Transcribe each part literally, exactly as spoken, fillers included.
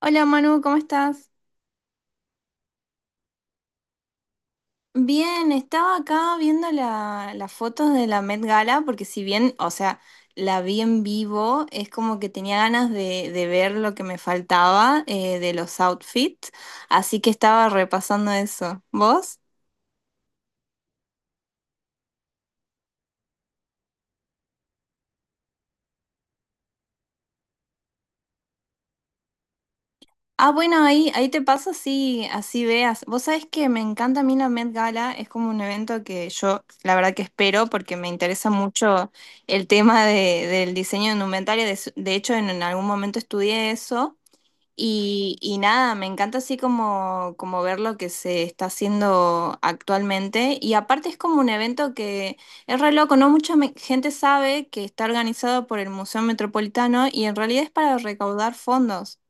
Hola Manu, ¿cómo estás? Bien, estaba acá viendo la- las fotos de la Met Gala, porque si bien, o sea, la vi en vivo, es como que tenía ganas de, de ver lo que me faltaba eh, de los outfits, así que estaba repasando eso. ¿Vos? Ah, bueno, ahí, ahí te paso así, así veas. Vos sabés que me encanta a mí la Met Gala, es como un evento que yo la verdad que espero porque me interesa mucho el tema de- del diseño de indumentaria, de, s- de hecho en, en algún momento estudié eso y, y nada, me encanta así como, como ver lo que se está haciendo actualmente y aparte es como un evento que es re loco, no mucha me- gente sabe que está organizado por el Museo Metropolitano y en realidad es para recaudar fondos.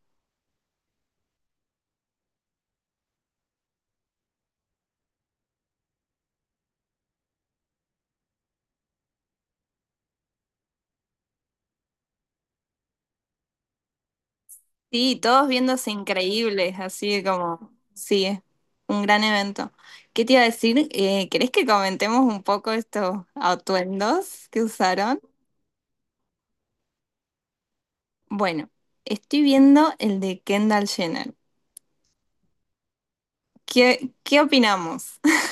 Sí, todos viéndose increíbles, así como, sí, es un gran evento. ¿Qué te iba a decir? Eh, ¿querés que comentemos un poco estos atuendos que usaron? Bueno, estoy viendo el de Kendall Jenner. ¿Qué, qué opinamos?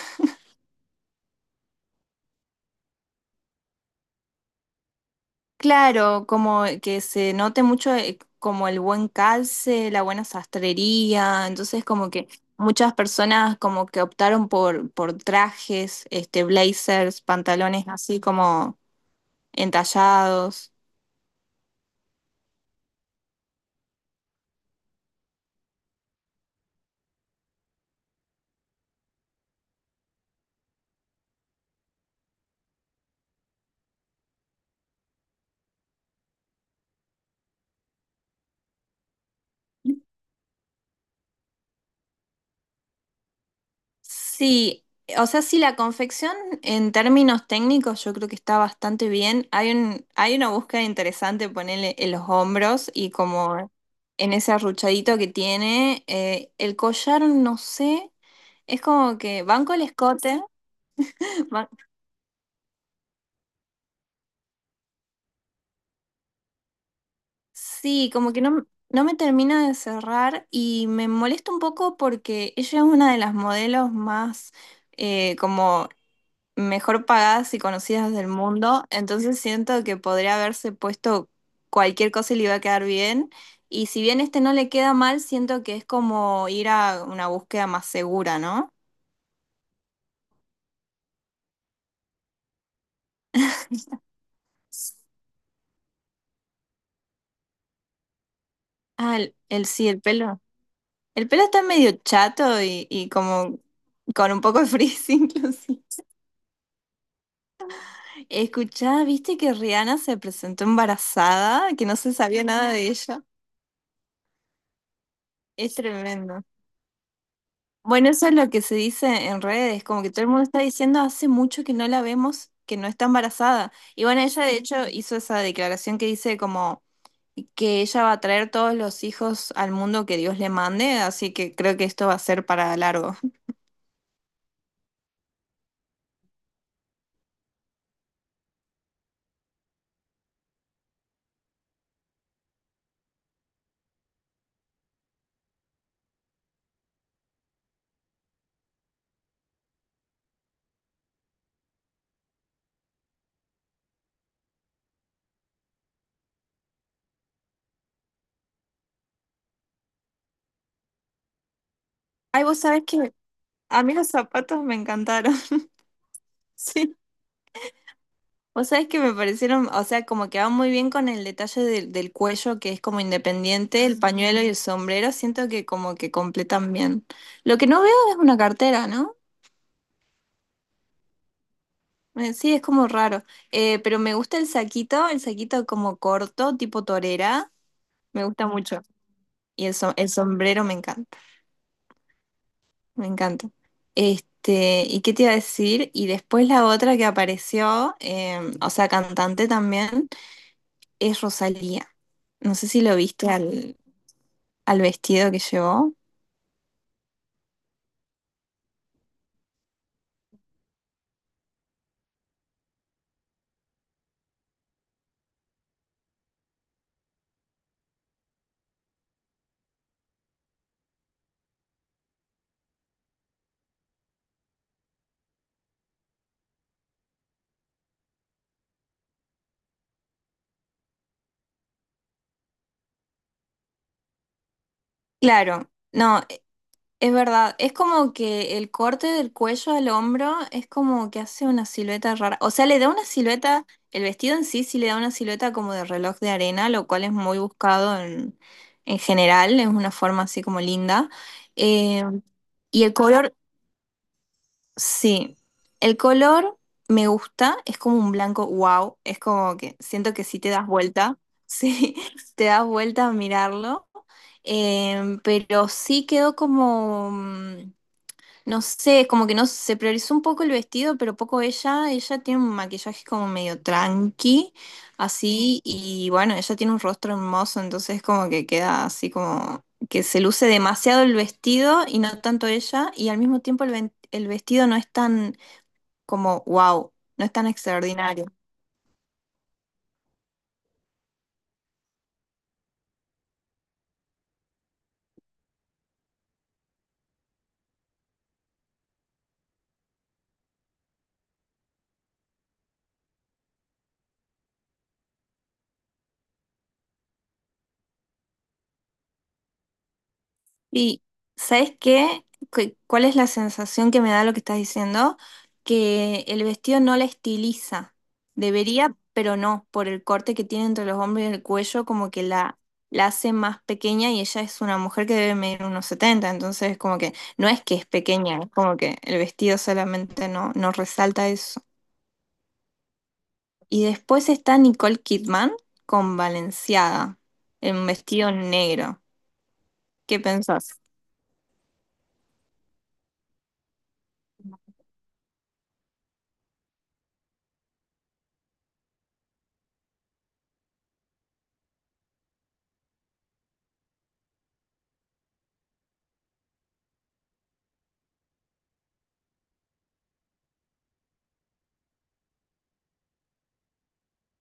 Claro, como que se note mucho eh, como el buen calce, la buena sastrería, entonces como que muchas personas como que optaron por, por trajes, este, blazers, pantalones así como entallados. Sí, o sea, sí, la confección en términos técnicos yo creo que está bastante bien. Hay un, hay una búsqueda interesante, ponerle en los hombros y como en ese arruchadito que tiene. Eh, el collar, no sé, es como que banco el escote. ba- Sí, como que no, no me termina de cerrar y me molesta un poco porque ella es una de las modelos más... eh, como mejor pagadas y conocidas del mundo, entonces siento que podría haberse puesto cualquier cosa y le iba a quedar bien. Y si bien este no le queda mal, siento que es como ir a una búsqueda más segura, ¿no? Ah, el, el- sí, el pelo. El pelo está medio chato y, y como con un poco de frizz inclusive. Escuchá, ¿viste que Rihanna se presentó embarazada? Que no se sabía nada de ella. Es tremendo. Bueno, eso es lo que se dice en redes, como que todo el mundo está diciendo hace mucho que no la vemos, que no está embarazada. Y bueno, ella de hecho hizo esa declaración que dice como que ella va a traer todos los hijos al mundo que Dios le mande, así que creo que esto va a ser para largo. Ay, vos sabés que a mí los zapatos me encantaron, sí. Vos sabés que me parecieron, o sea, como que va muy bien con el detalle del del cuello, que es como independiente, el pañuelo y el sombrero, siento que como que completan bien. Lo que no veo es una cartera, ¿no? Eh, Sí, es como raro. Eh, pero me gusta el saquito, el saquito como corto, tipo torera, me gusta mucho. Y el, so- el sombrero me encanta, me encanta. Este, ¿y qué te iba a decir? Y después la otra que apareció, eh, o sea, cantante también, es Rosalía. No sé si lo viste al, al vestido que llevó. Claro, no, es verdad, es como que el corte del cuello al hombro es como que hace una silueta rara. O sea, le da una silueta, el vestido en sí sí le da una silueta como de reloj de arena, lo cual es muy buscado en, en general, es una forma así como linda. Eh, y el color, sí, el color me gusta, es como un blanco, wow, es como que siento que si te das vuelta, sí, te das vuelta a mirarlo. Em, pero sí quedó como... mm, no sé, es como que no se priorizó un poco el vestido, pero poco ella. Ella tiene un maquillaje como medio tranqui, así, y bueno, ella tiene un rostro hermoso, entonces como que queda así como que se luce demasiado el vestido y no tanto ella, y al mismo tiempo el, ven- el vestido no es tan como wow, no es tan extraordinario. Y, ¿sabes qué? Cu- ¿Cuál es la sensación que me da lo que estás diciendo? Que el vestido no la estiliza. Debería, pero no, por el corte que tiene entre los hombros y el cuello, como que la, la hace más pequeña y ella es una mujer que debe medir unos setenta, entonces como que no es que es pequeña, es como que el vestido solamente no, no resalta eso. Y después está Nicole Kidman con Balenciaga, en un vestido negro. ¿Qué pensás?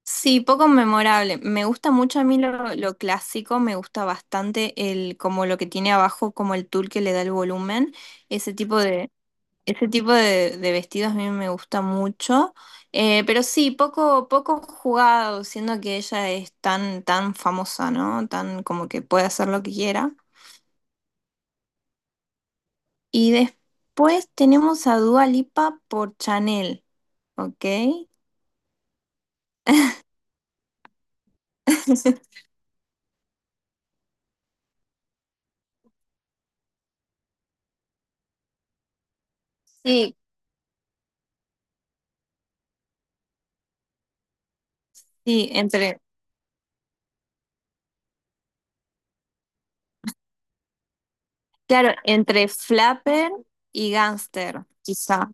Sí, poco memorable. Me gusta mucho a mí lo, lo clásico, me gusta bastante el como lo que tiene abajo, como el tul que le da el volumen. Ese tipo de, ese tipo de, de vestidos a mí me gusta mucho. Eh, pero sí, poco, poco jugado, siendo que ella es tan, tan famosa, ¿no? Tan como que puede hacer lo que quiera. Y después tenemos a Dua Lipa por Chanel, ¿ok? Sí, Sí, entre, claro, entre flapper y gangster, quizá.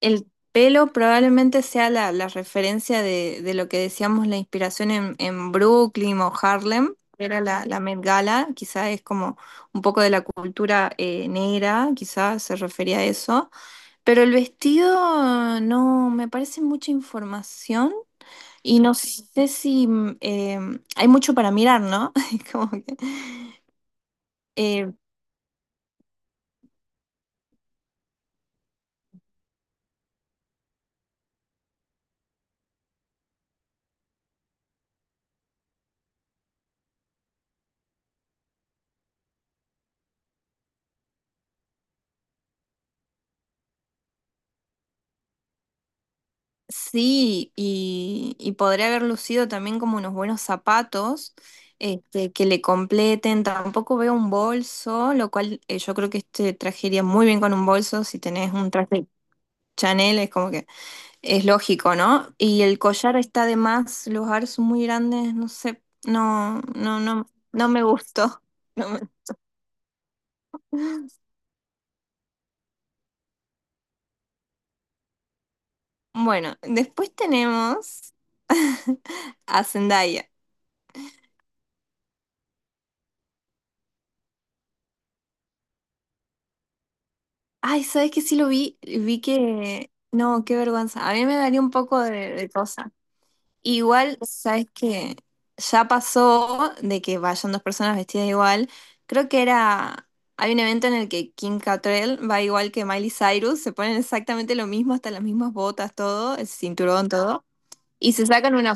El pelo probablemente sea la, la referencia de, de lo que decíamos, la inspiración en, en Brooklyn o Harlem, que era la, la Met Gala, quizá es como un poco de la cultura eh, negra, quizá se refería a eso. Pero el vestido no, me parece mucha información y no sé si mm, eh, hay mucho para mirar, ¿no? Es como que, eh, sí, y, y podría haber lucido también como unos buenos zapatos este, que le completen. Tampoco veo un bolso, lo cual eh, yo creo que este trajería muy bien con un bolso. Si tenés un traje Chanel, es como que es lógico, ¿no? Y el collar está de más, los aros son muy grandes, no sé, no, no, no, no me gustó. No me- Bueno, después tenemos a Zendaya. Ay, ¿sabes que sí lo vi, vi que... No, qué vergüenza. A mí me daría un poco de, de cosa. Igual, ¿sabes que ya pasó de que vayan dos personas vestidas igual? Creo que era... Hay un evento en el que Kim Cattrall va igual que Miley Cyrus, se ponen exactamente lo mismo, hasta las mismas botas, todo, el cinturón, todo, y se sacan una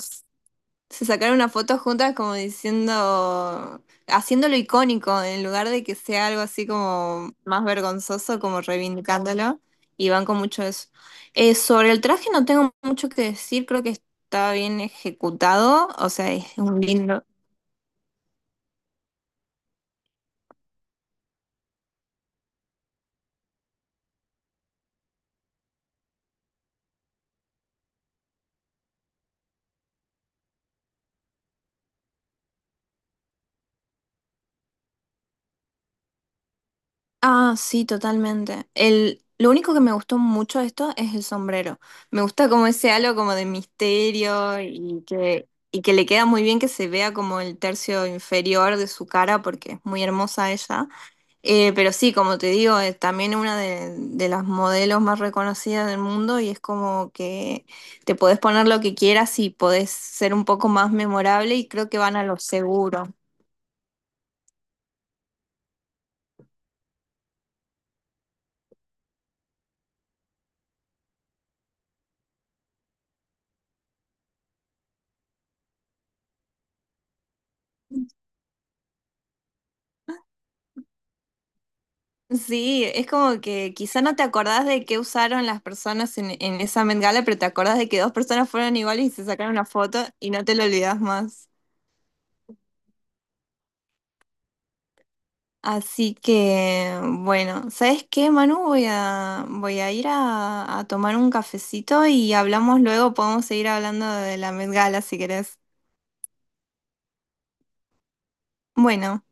se sacaron una foto juntas como diciendo, haciéndolo icónico, en lugar de que sea algo así como más vergonzoso, como reivindicándolo, y van con mucho eso. Eh, sobre el traje no tengo mucho que decir, creo que está bien ejecutado, o sea, es un lindo. Ah, sí, totalmente. El, lo único que me gustó mucho de esto es el sombrero. Me gusta como ese halo como de misterio y que, y que le queda muy bien que se vea como el tercio inferior de su cara porque es muy hermosa ella. Eh, pero sí, como te digo, es también una de, de las modelos más reconocidas del mundo y es como que te podés poner lo que quieras y podés ser un poco más memorable y creo que van a lo seguro. Sí, es como que quizá no te acordás de qué usaron las personas en, en esa Met Gala, pero te acordás de que dos personas fueron iguales y se sacaron una foto y no te lo olvidás más. Así que, bueno, ¿sabes qué, Manu? Voy a, voy a ir a, a tomar un cafecito y hablamos luego, podemos seguir hablando de la Met Gala si querés. Bueno.